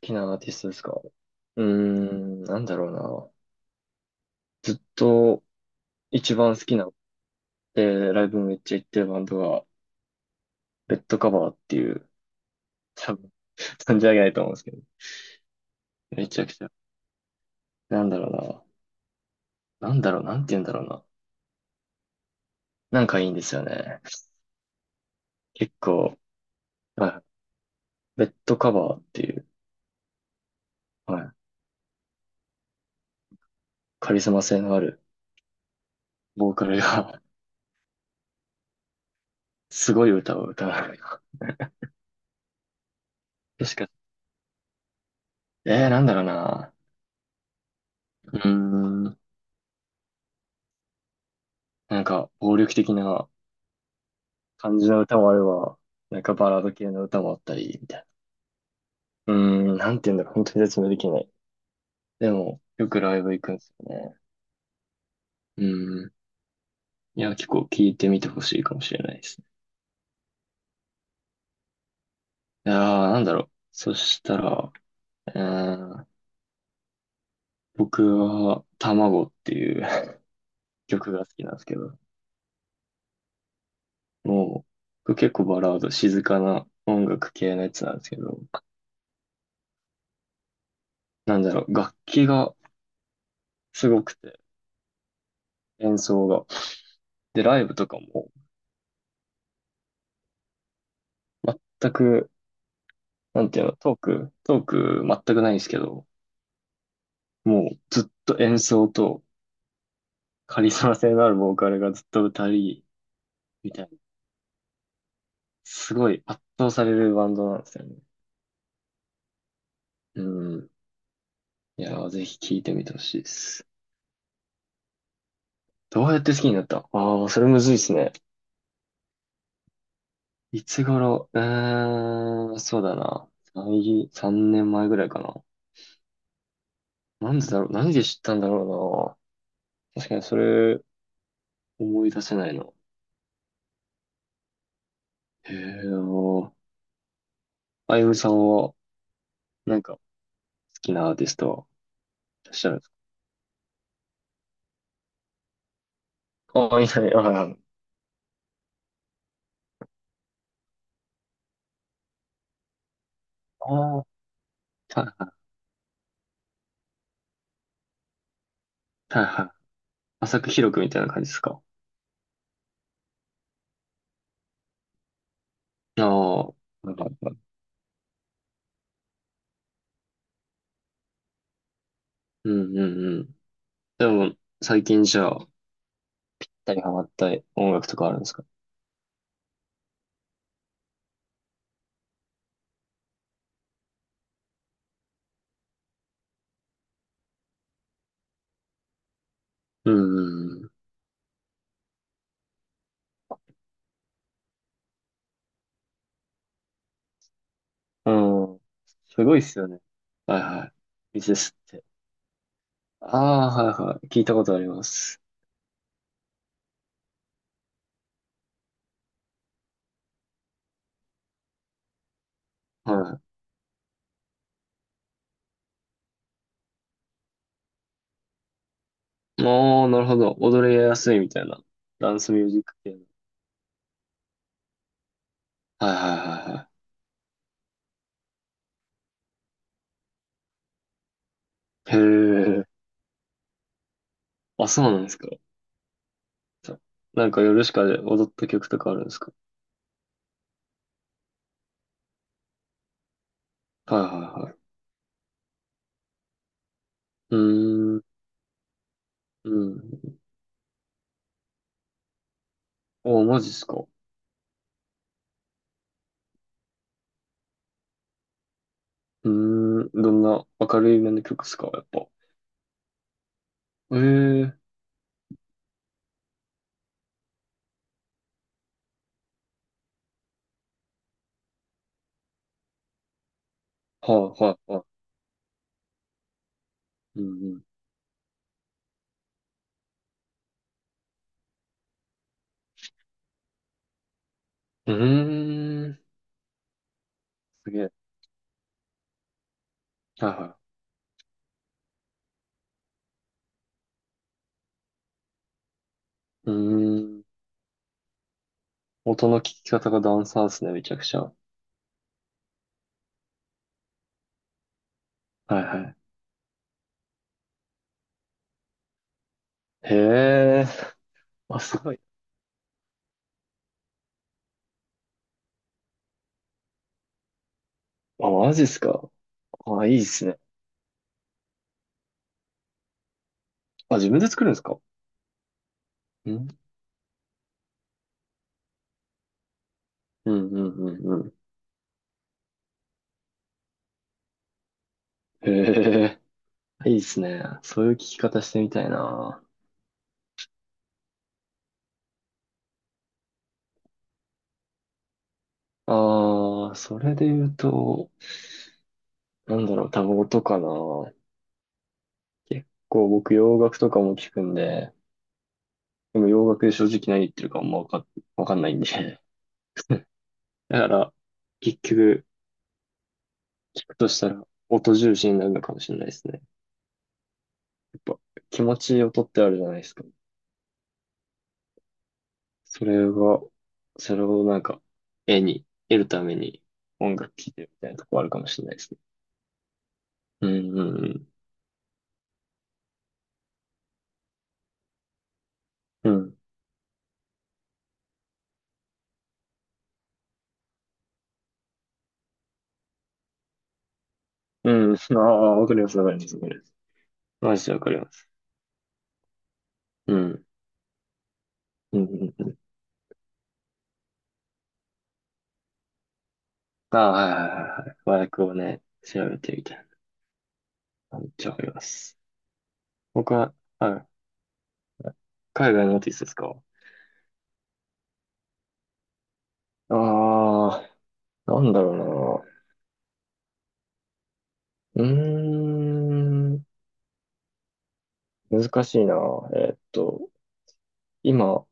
きなアーティストですかなんだろうな。ずっと一番好きな、ライブめっちゃ行ってるバンドが、レッドカバーっていう、多分、存じ上げないと思うんですけど、めちゃくちゃ。なんだろうな。なんだろう、なんて言うんだろうな。なんかいいんですよね。結構、はい。レッドカバーっていう、はい。カリスマ性のあるボーカルが すごい歌を歌う。確か、なんだろうな。うーん、なんか、暴力的な、感じの歌もあれば、なんかバラード系の歌もあったり、みたいな。なんて言うんだろう、本当に説明できない。でも、よくライブ行くんですよね。うん。いや、結構聞いてみてほしいかもしれないですね。いやー、なんだろう。そしたら、うーん、僕は、卵っていう 曲が好きなんですけど、もう、僕結構バラード、静かな音楽系のやつなんですけど、なんだろう、楽器がすごくて、演奏が。で、ライブとかも、全くなんていうの、トーク全くないんですけど、もうずっと演奏とカリスマ性のあるボーカルがずっと歌い、みたいな、すごい圧倒されるバンドなんですよね。うん。いやー、ぜひ聴いてみてほしいです。どうやって好きになったああー、それむずいですね。いつ頃うーん、そうだな。3年前ぐらいかな。なんでだろう、何で知ったんだろうな。確かにそれ思い出せないの。へえ、あのあゆむさんは、なんか、好きなアーティスト知らないですかああ、いない、ああ、ああ、はいはい。はいはい。浅く広くみたいな感じですかああ、はいはいはい。うんうんうん。でも、最近じゃあ、二人ハマった音楽とかあるんですかうんうんうん。うん。すごいっすよね。はいはい。水ですって。ああ、はいはい。聞いたことあります。はい。もう、なるほど。踊りやすいみたいな。ダンスミュージック系の。はいはいはいはい。へえ。あ、そうなんですか。なんか夜しかで踊った曲とかあるんですかはいはいはい。うーん、うん。あマジっすか。うーん、どんな明るいめの曲っすか、やっぱ。ええーはいはいはい。うんうん。すげえ。はいはい。音の聞き方がダンサーっすね、めちゃくちゃ。はいはい。へえ、あ、すごい。あ、マジっすか。あ、いいっすね。あ、自分で作るんですか。うん、うん、うん、うん、うん。へえ、いいっすね。そういう聞き方してみたいな。ああ、それで言うと、なんだろう、タバコとかな。結構僕洋楽とかも聞くんで、でも洋楽で正直何言ってるかあんまわか、わかんないんで。だから、結局、聞くとしたら音重視になるのかもしれないですね。やっぱ気持ちいい音ってあるじゃないですか。それが、それをなんか、絵に、得るために音楽聴いてるみたいなとこあるかもしれないですね。うんうんうん。うん。うん。ああ、わかります。マジでわかります。うん。うんうんうんああ、はいはいはいはい。和訳をね、調べてみたいな。めっちゃわかります。僕は、はい、海外のアーティストですかああー、なんだろうな。うーん、難しいな。えーっと、今、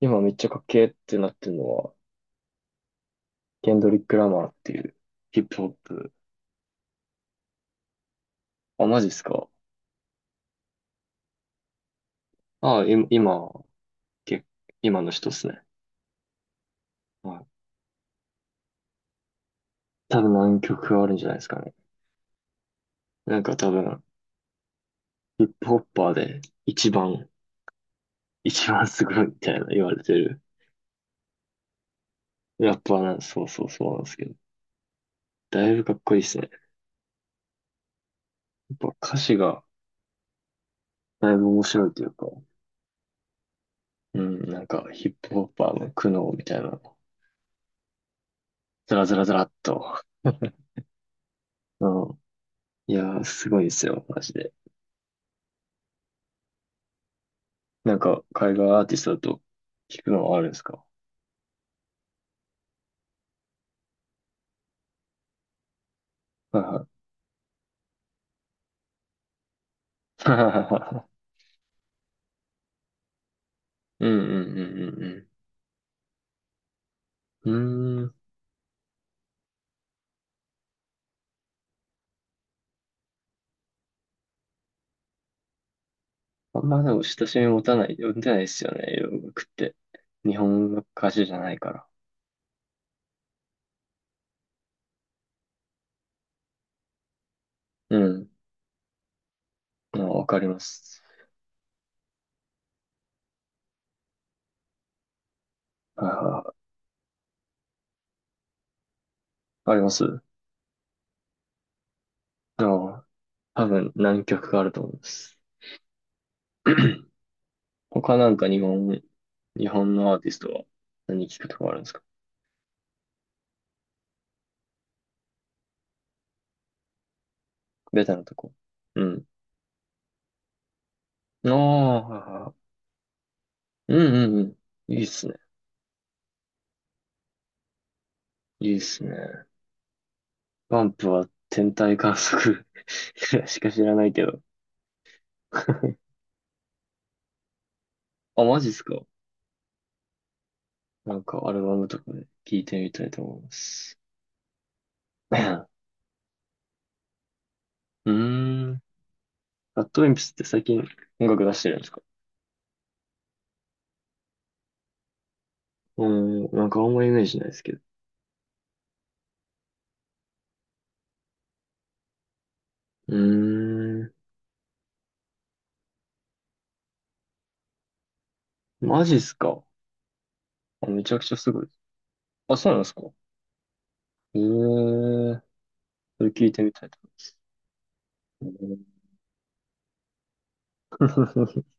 今めっちゃかっけーってなってるのは、ケンドリック・ラマーっていうヒップホップ。あ、マジっすかああ、け、今の人っすね。はい。多分何曲かあるんじゃないですかね。なんか多分、ヒップホッパーで一番一番すごいみたいな言われてる。やっぱな、そうなんですけど。だいぶかっこいいですね。やっぱ歌詞がだいぶ面白いというか、うん、なんかヒップホッパーの苦悩みたいな、ずらずらずらっと。うんいやー、すごいですよ、マジで。なんか、海外アーティストだと聞くのはあるんですかはいはい。うんうんうんうんうん。うーん。あんまでも親しみ持たない、持てないですよね、洋楽って。日本の歌詞じゃないから。うん。まあ、わかります。あー、ありますう多分何曲かあると思います。他なんか日本のアーティストは何聞くとかあるんですかベタなとこ。うん。ああ、はいはい。うんうんうん。いいっすね。いいっすね。バンプは天体観測 しか知らないけど。あ、マジっすかなんかアルバムとかで聞いてみたいと思います。うーん。ラッドウィンプスって最近音楽出してるんですかうーん、なんかあんまイメージないですけど。うーん。マジっすかあ、めちゃくちゃすごい。あ、そうなんですかええー、それ聞いてみたいと思います。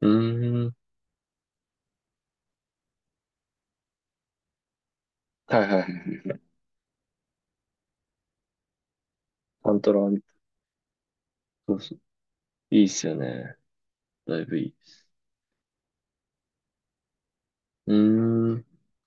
うん うーん。はいはいはい。パントラ、そうそう。いいっすよね。だいぶいい。うーん。